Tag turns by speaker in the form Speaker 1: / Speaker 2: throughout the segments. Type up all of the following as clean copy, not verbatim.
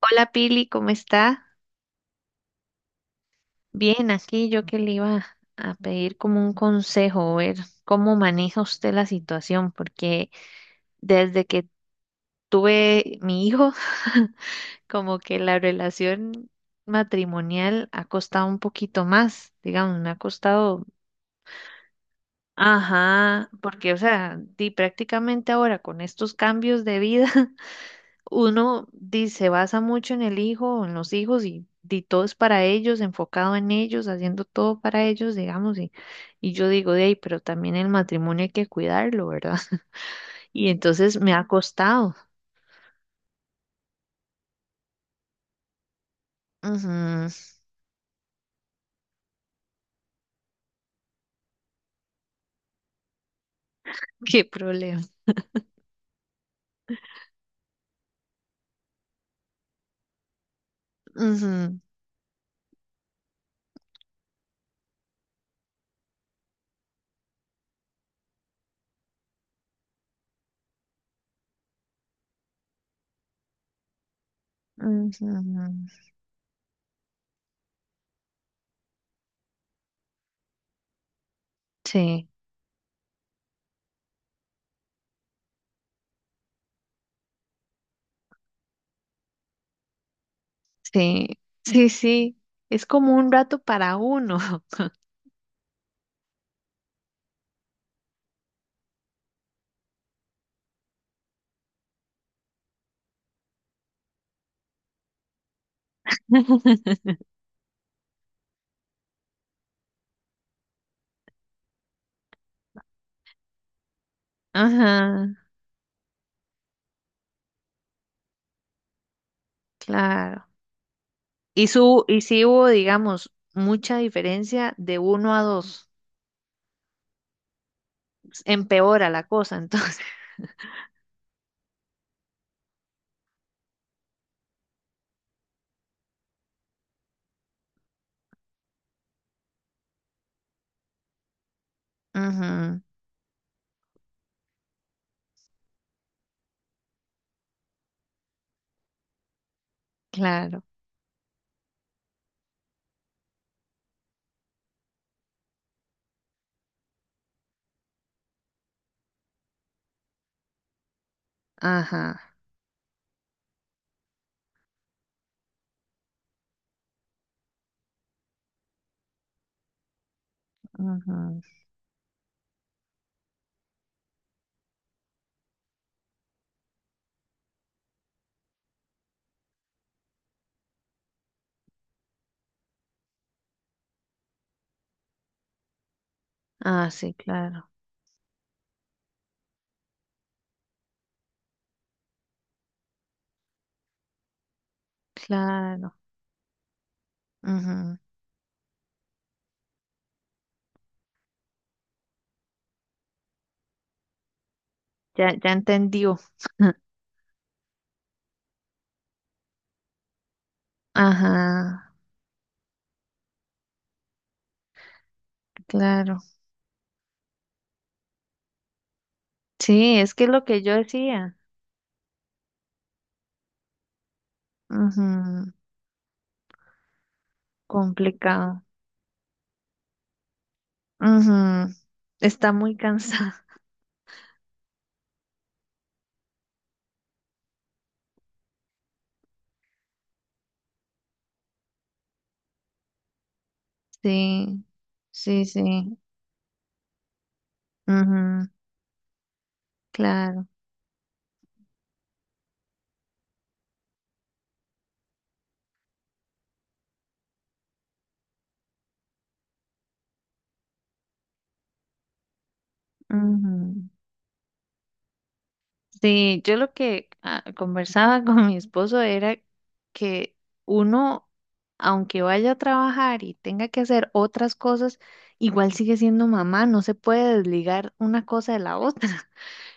Speaker 1: Hola Pili, ¿cómo está? Bien, aquí yo que le iba a pedir como un consejo, ver cómo maneja usted la situación, porque desde que tuve mi hijo, como que la relación matrimonial ha costado un poquito más, digamos, me ha costado, ajá, porque o sea, di prácticamente ahora con estos cambios de vida uno se basa mucho en el hijo, o en los hijos y, di todo es para ellos, enfocado en ellos, haciendo todo para ellos, digamos, y yo digo, de ahí, pero también el matrimonio hay que cuidarlo, ¿verdad? Y entonces me ha costado. Ujú, qué problema. Ujú, ujú. Sí, sí, sí, sí. Es como un rato para uno. Ajá, claro. Y su, y sí hubo, digamos, mucha diferencia de uno a dos. Empeora la cosa, entonces. Ujú, claro, ajá, ujú. Ah, sí, claro, claro, ujú. Ya, ya entendió. Ajá, claro. Sí, es que es lo que yo decía. Ujú, complicado. Ujú, está muy cansada. Sí, sí, sí. Ujú, claro. Ujú. Sí, yo lo que conversaba con mi esposo era que uno, aunque vaya a trabajar y tenga que hacer otras cosas, igual sigue siendo mamá, no se puede desligar una cosa de la otra.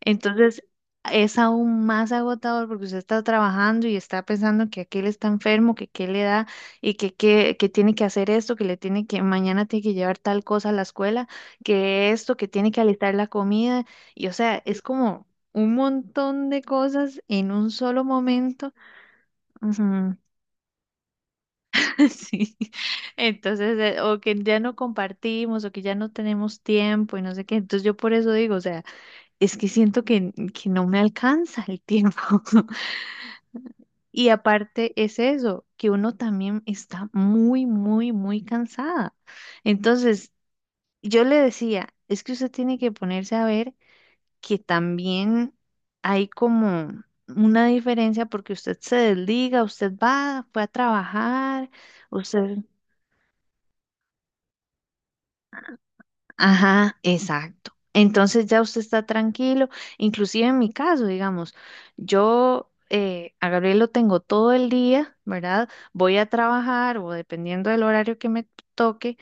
Speaker 1: Entonces es aún más agotador porque usted está trabajando y está pensando que aquel está enfermo, que qué le da que tiene que hacer esto, que le tiene que, mañana tiene que llevar tal cosa a la escuela, que esto, que tiene que alistar la comida. Y o sea, es como un montón de cosas en un solo momento. Ujú. Sí. Entonces, o que ya no compartimos, o que ya no tenemos tiempo y no sé qué. Entonces yo por eso digo, o sea. Es que siento que no me alcanza el tiempo. Y aparte es eso, que uno también está muy, muy, muy cansada. Entonces, yo le decía, es que usted tiene que ponerse a ver que también hay como una diferencia porque usted se desliga, usted va, fue a trabajar, usted ajá, exacto. Entonces ya usted está tranquilo, inclusive en mi caso, digamos, yo a Gabriel lo tengo todo el día, ¿verdad? Voy a trabajar o dependiendo del horario que me toque.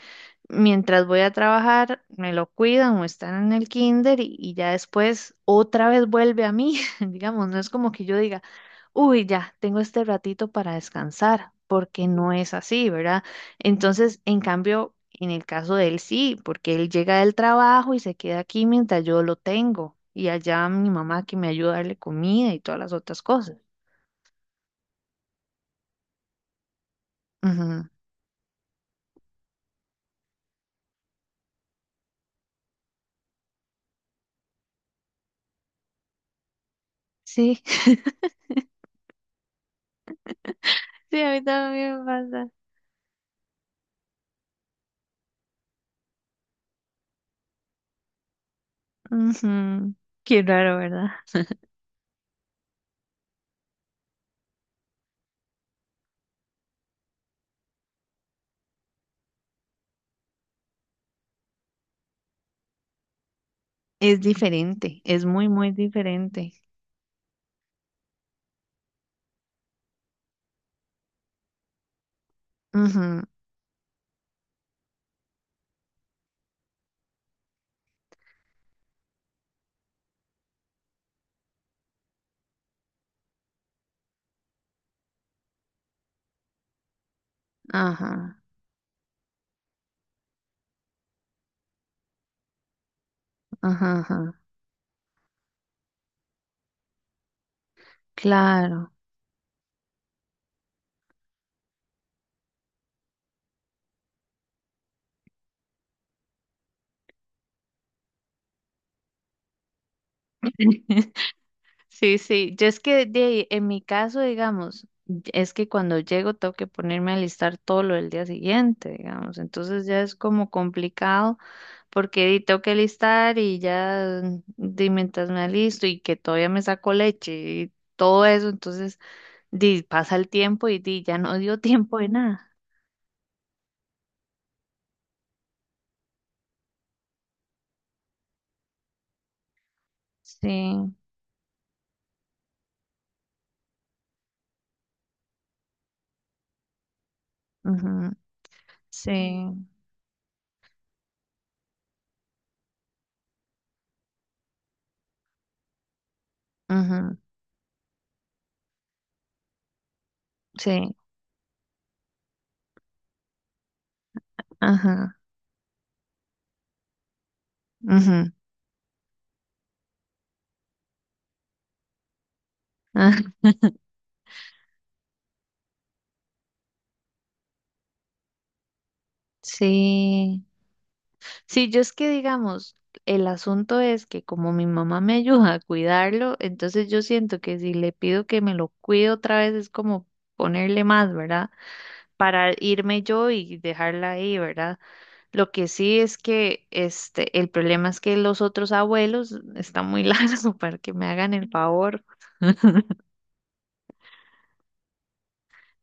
Speaker 1: Mientras voy a trabajar, me lo cuidan o están en el kinder y ya después otra vez vuelve a mí, digamos, no es como que yo diga, uy, ya, tengo este ratito para descansar, porque no es así, ¿verdad? Entonces, en cambio, en el caso de él sí, porque él llega del trabajo y se queda aquí mientras yo lo tengo y allá mi mamá que me ayuda a darle comida y todas las otras cosas. Ujú. Sí, sí, a mí también me pasa. Ujú. Qué raro, ¿verdad? Es diferente, es muy, muy diferente. Ujú, ajá, ajá, ajá, claro. Sí, sí, yo es que de ahí, en mi caso, digamos, es que cuando llego tengo que ponerme a listar todo lo del día siguiente, digamos, entonces ya es como complicado porque di, tengo que listar y ya di, mientras me alisto y que todavía me saco leche y todo eso, entonces di, pasa el tiempo y di, ya no dio tiempo de nada. Sí, ujú, sí. Ujú, sí, ajá, ujú, ah, sí. Sí, yo es que digamos, el asunto es que como mi mamá me ayuda a cuidarlo, entonces yo siento que si le pido que me lo cuide otra vez es como ponerle más, ¿verdad? Para irme yo y dejarla ahí, ¿verdad? Lo que sí es que este, el problema es que los otros abuelos están muy largos para que me hagan el favor.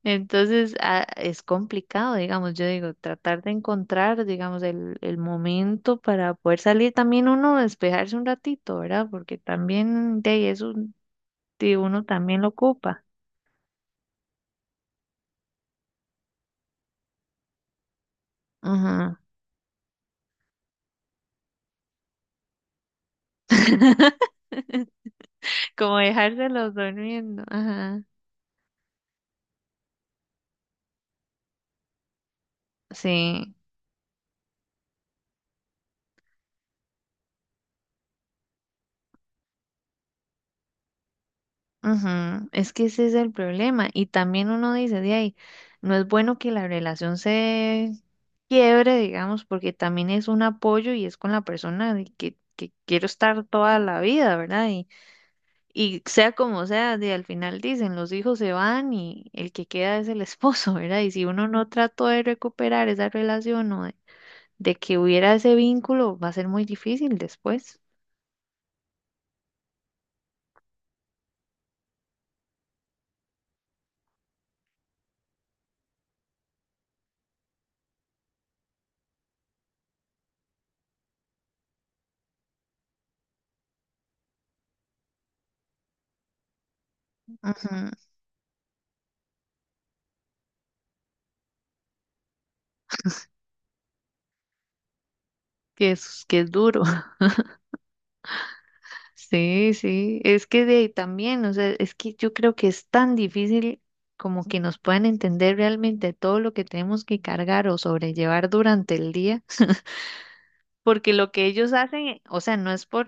Speaker 1: Entonces, es complicado, digamos, yo digo, tratar de encontrar, digamos, el momento para poder salir también uno, a despejarse un ratito, ¿verdad? Porque también de ahí eso de uno también lo ocupa. Ajá. Como dejárselos durmiendo. Ajá. Sí. Ujú, es que ese es el problema. Y también uno dice, de ahí, no es bueno que la relación se quiebre, digamos, porque también es un apoyo y es con la persona de que quiero estar toda la vida, ¿verdad? Y sea como sea, de al final dicen, los hijos se van y el que queda es el esposo, ¿verdad? Y si uno no trató de recuperar esa relación o de que hubiera ese vínculo, va a ser muy difícil después. Ujú, que es, que es duro. Sí, sí, es que de ahí también, o sea, es que yo creo que es tan difícil como que nos puedan entender realmente todo lo que tenemos que cargar o sobrellevar durante el día, porque lo que ellos hacen, o sea, no es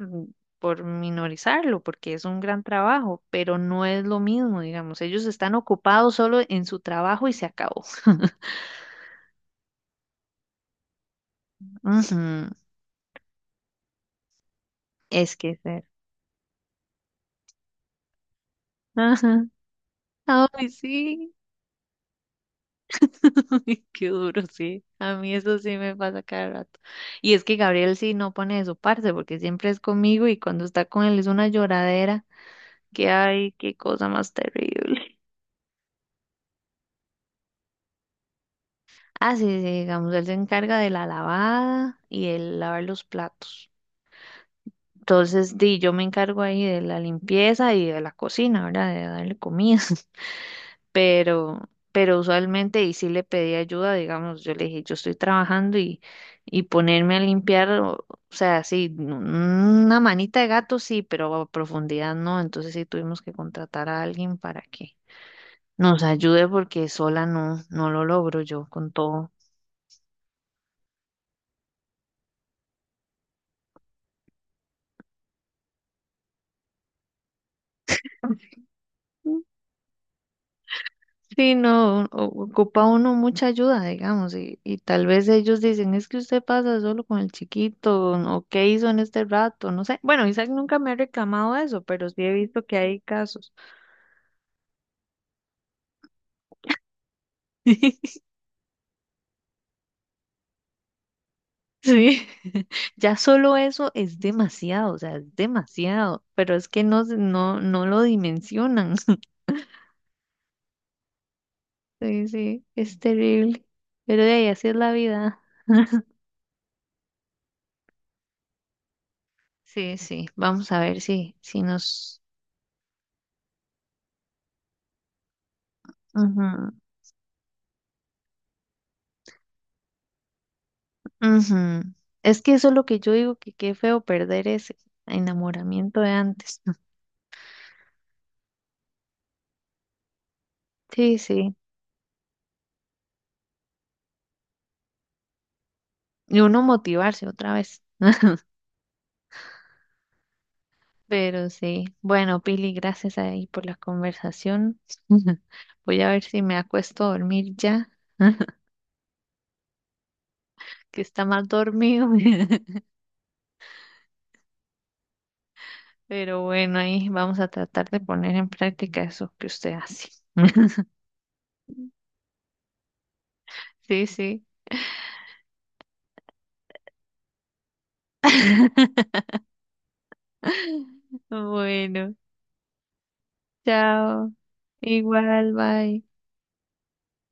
Speaker 1: por minorizarlo, porque es un gran trabajo, pero no es lo mismo, digamos, ellos están ocupados solo en su trabajo y se acabó. Ujú, es que ser. Ajá. Ay, sí. Qué duro, sí. A mí eso sí me pasa cada rato. Y es que Gabriel sí no pone de su parte porque siempre es conmigo y cuando está con él es una lloradera. Que ay, qué cosa más terrible. Ah, sí, sí, digamos, él se encarga de la lavada y el lavar los platos. Entonces, di, yo me encargo ahí de la limpieza y de la cocina, ¿verdad? De darle comida. pero, pero usualmente sí le pedí ayuda, digamos, yo le dije, yo estoy trabajando y ponerme a limpiar, o sea, sí, una manita de gato sí, pero a profundidad no, entonces sí tuvimos que contratar a alguien para que nos ayude porque sola no, no lo logro yo con todo. Sí, no, ocupa uno mucha ayuda, digamos, y tal vez ellos dicen, es que usted pasa solo con el chiquito, ¿no? O qué hizo en este rato, no sé. Bueno, Isaac nunca me ha reclamado eso, pero sí he visto que hay casos. Sí, ya solo eso es demasiado, o sea, es demasiado, pero es que no, no, no lo dimensionan. Sí, sí, es terrible, pero de ahí así es la vida. Sí, sí, vamos a ver si, si nos... Ujú. Es que eso es lo que yo digo, que qué feo perder ese enamoramiento de antes. ¿No? Sí, sí. Y uno motivarse otra vez. Pero sí. Bueno, Pili, gracias ahí por la conversación. Voy a ver si me acuesto a dormir ya, que está mal dormido. Pero bueno, ahí vamos a tratar de poner en práctica eso que usted hace. Sí, sí. Bueno, chao. Igual, bye.